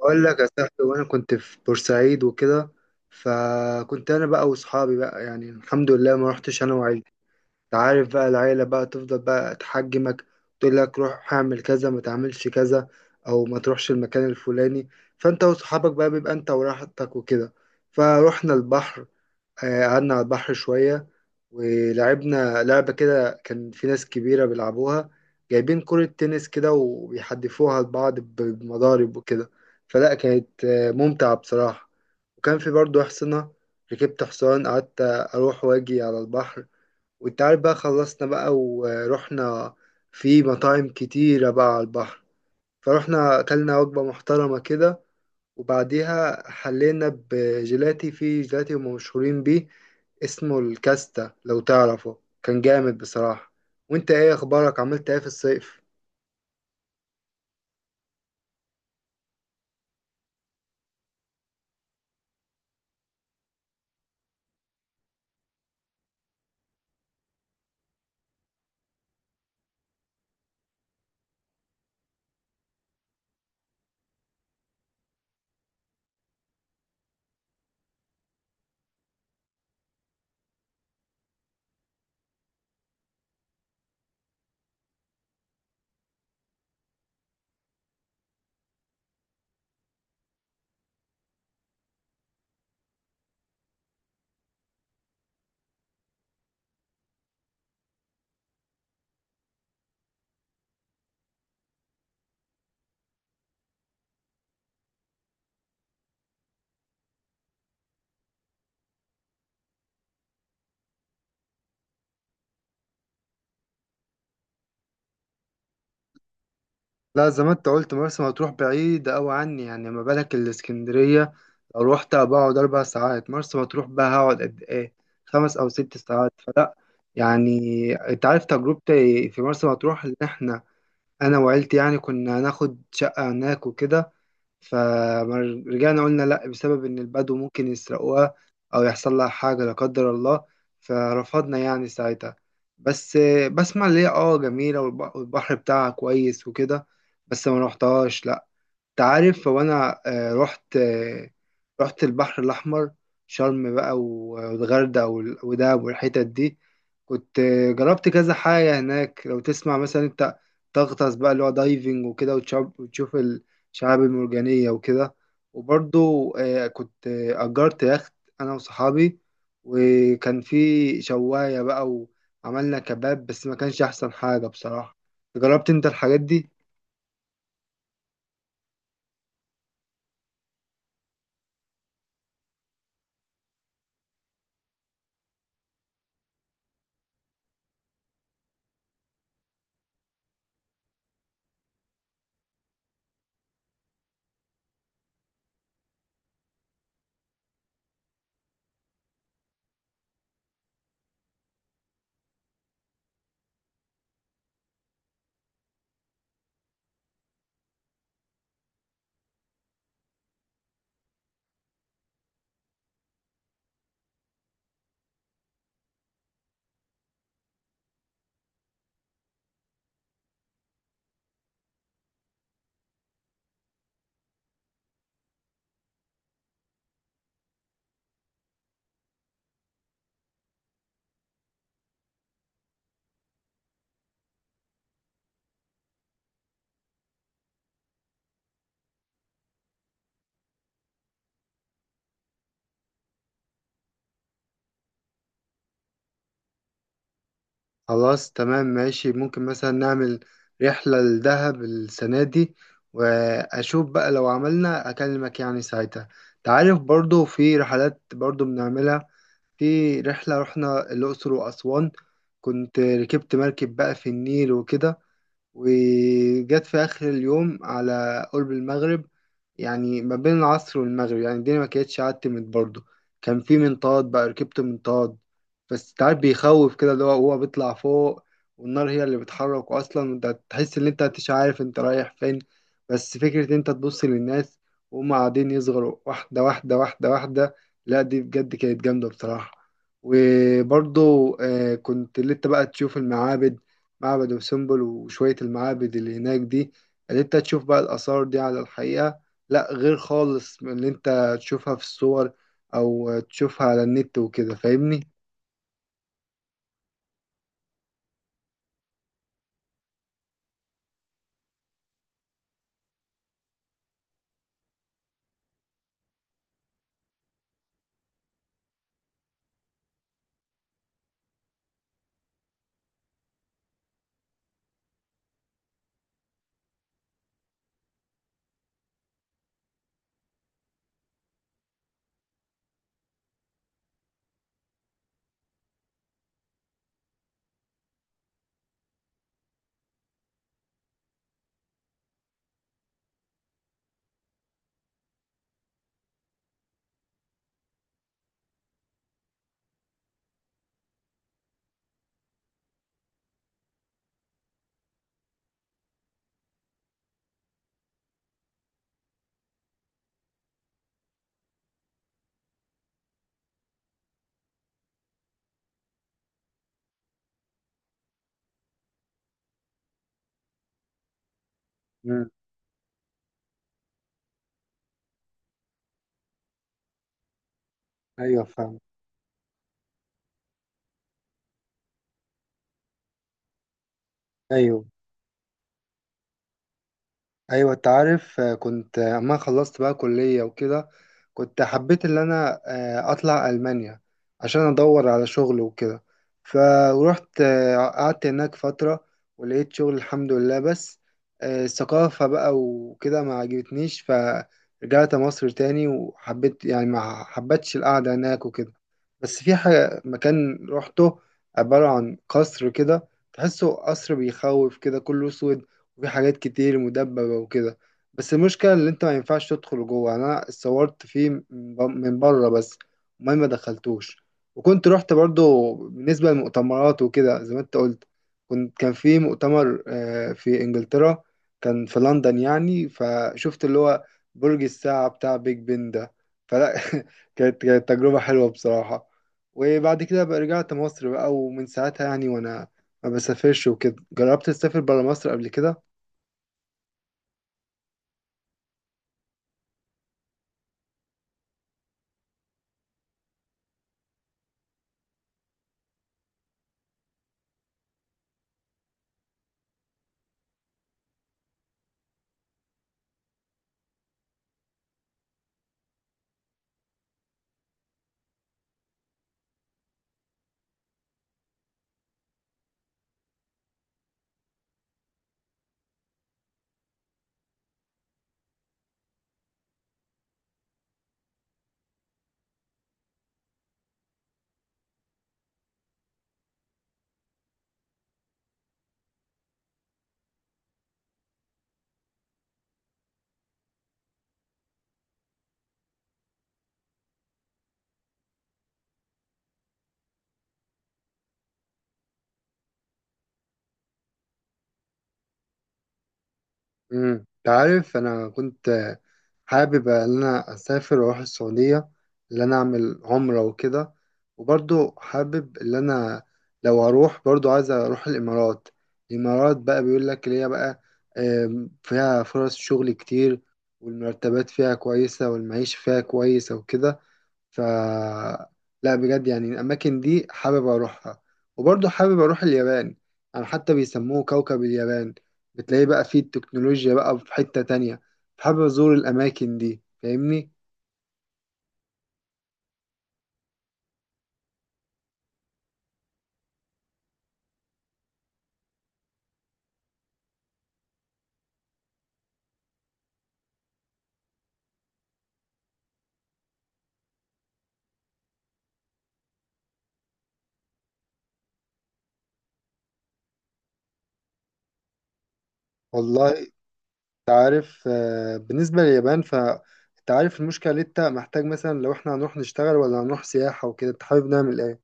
اقول لك يا صاحبي، وانا كنت في بورسعيد وكده. فكنت انا بقى واصحابي بقى، يعني الحمد لله ما رحتش انا. تعرف بقى العيلة بقى تفضل بقى تحجمك، تقول لك روح اعمل كذا، ما تعملش كذا، او ما تروحش المكان الفلاني. فانت وصحابك بقى بيبقى انت وراحتك وكده. فروحنا البحر. قعدنا على البحر شوية ولعبنا لعبة كده. كان في ناس كبيرة بيلعبوها، جايبين كرة تنس كده وبيحدفوها لبعض بمضارب وكده. فلا كانت ممتعة بصراحة. وكان في برضو حصنة، ركبت حصان قعدت أروح وأجي على البحر. وانت عارف بقى خلصنا بقى ورحنا، في مطاعم كتيرة بقى على البحر. فرحنا أكلنا وجبة محترمة كده. وبعديها حلينا بجيلاتي في جيلاتي هم مشهورين بيه، اسمه الكاستا لو تعرفه، كان جامد بصراحة. وانت ايه اخبارك، عملت ايه في الصيف؟ لا، زي ما انت قلت، مرسى مطروح بعيدة أوي عني، يعني ما بالك الإسكندرية. لو روحت بقعد 4 ساعات، مرسى مطروح بقى هقعد قد إيه؟ 5 أو 6 ساعات، فلا يعني. أنت عارف تجربتي في مرسى مطروح، إن إحنا أنا وعيلتي يعني كنا هناخد شقة هناك وكده، فرجعنا قلنا لا، بسبب ان البدو ممكن يسرقوها او يحصل لها حاجة لا قدر الله. فرفضنا يعني ساعتها. بس بسمع ليه اه جميلة، والبحر بتاعها كويس وكده، بس ما روحتهاش لا. تعرف هو انا رحت البحر الاحمر، شرم بقى والغردقه ودهب والحتت دي. كنت جربت كذا حاجه هناك. لو تسمع مثلا، انت تغطس بقى اللي هو دايفنج وكده، وتشوف الشعاب المرجانيه وكده. وبرضو كنت اجرت يخت انا وصحابي، وكان في شوايه بقى، وعملنا كباب، بس ما كانش احسن حاجه بصراحه. جربت انت الحاجات دي؟ خلاص تمام ماشي. ممكن مثلا نعمل رحلة لدهب السنة دي، وأشوف بقى لو عملنا أكلمك يعني ساعتها. تعرف، برضو في رحلات برضو بنعملها. في رحلة رحنا الأقصر وأسوان، كنت ركبت مركب بقى في النيل وكده، وجت في آخر اليوم على قرب المغرب، يعني ما بين العصر والمغرب يعني. الدنيا ما كانتش عتمت برضه. كان في منطاد بقى، ركبت منطاد. بس تعرف بيخوف كده، اللي هو بيطلع فوق والنار هي اللي بتحرك أصلا، وانت تحس إن انت مش عارف انت رايح فين. بس فكرة إن انت تبص للناس وهم قاعدين يصغروا واحدة واحدة واحدة واحدة، لا دي بجد كانت جامدة بصراحة. وبرضه كنت لسه بقى تشوف المعابد. معبد أم سمبل وشوية المعابد اللي هناك دي، اللي انت تشوف بقى الآثار دي على الحقيقة، لا غير خالص من اللي انت تشوفها في الصور أو تشوفها على النت وكده. فاهمني؟ مم. ايوه فاهم. ايوه. ايوه، انت عارف كنت اما خلصت بقى كلية وكده، كنت حبيت ان انا اطلع المانيا عشان ادور على شغل وكده. فروحت قعدت هناك فترة ولقيت شغل الحمد لله. بس الثقافة بقى وكده ما عجبتنيش، فرجعت مصر تاني، وحبيت يعني ما حبيتش القعدة هناك وكده. بس في حاجة مكان روحته، عبارة عن قصر كده، تحسه قصر بيخوف كده، كله سود وفي حاجات كتير مدببة وكده. بس المشكلة اللي انت ما ينفعش تدخل جوه، يعني انا اتصورت فيه من من بره بس. المهم ما دخلتوش. وكنت رحت برضو بالنسبة للمؤتمرات وكده، زي ما انت قلت، كان في مؤتمر في انجلترا، كان في لندن يعني. فشفت اللي هو برج الساعة بتاع بيج بن ده. فلا كانت تجربة حلوة بصراحة. وبعد كده بقى رجعت مصر بقى، ومن ساعتها يعني وانا ما بسافرش وكده. جربت تسافر برا مصر قبل كده؟ انت عارف انا كنت حابب ان انا اسافر واروح السعوديه، ان انا اعمل عمره وكده. وبرضو حابب ان انا لو هروح برضو عايز اروح الامارات. الامارات بقى بيقول لك اللي هي بقى فيها فرص شغل كتير، والمرتبات فيها كويسه، والمعيشه فيها كويسه وكده. ف لا بجد، يعني الأماكن دي حابب أروحها. وبرضه حابب أروح اليابان، يعني حتى بيسموه كوكب اليابان، بتلاقيه بقى فيه التكنولوجيا بقى في حتة تانية. فحابب أزور الأماكن دي، فاهمني؟ والله، أنت عارف بالنسبة لليابان، فأنت عارف المشكلة، اللي أنت محتاج مثلا لو إحنا هنروح نشتغل ولا هنروح سياحة وكده، أنت حابب نعمل إيه؟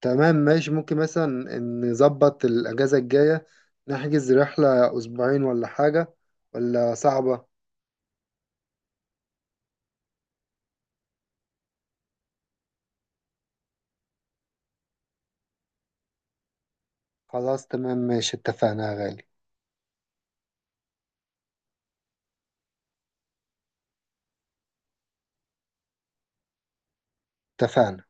تمام ماشي. ممكن مثلا نظبط الأجازة الجاية، نحجز رحلة أسبوعين ولا حاجة، ولا صعبة؟ خلاص تمام ماشي، اتفقنا يا غالي. اتفقنا.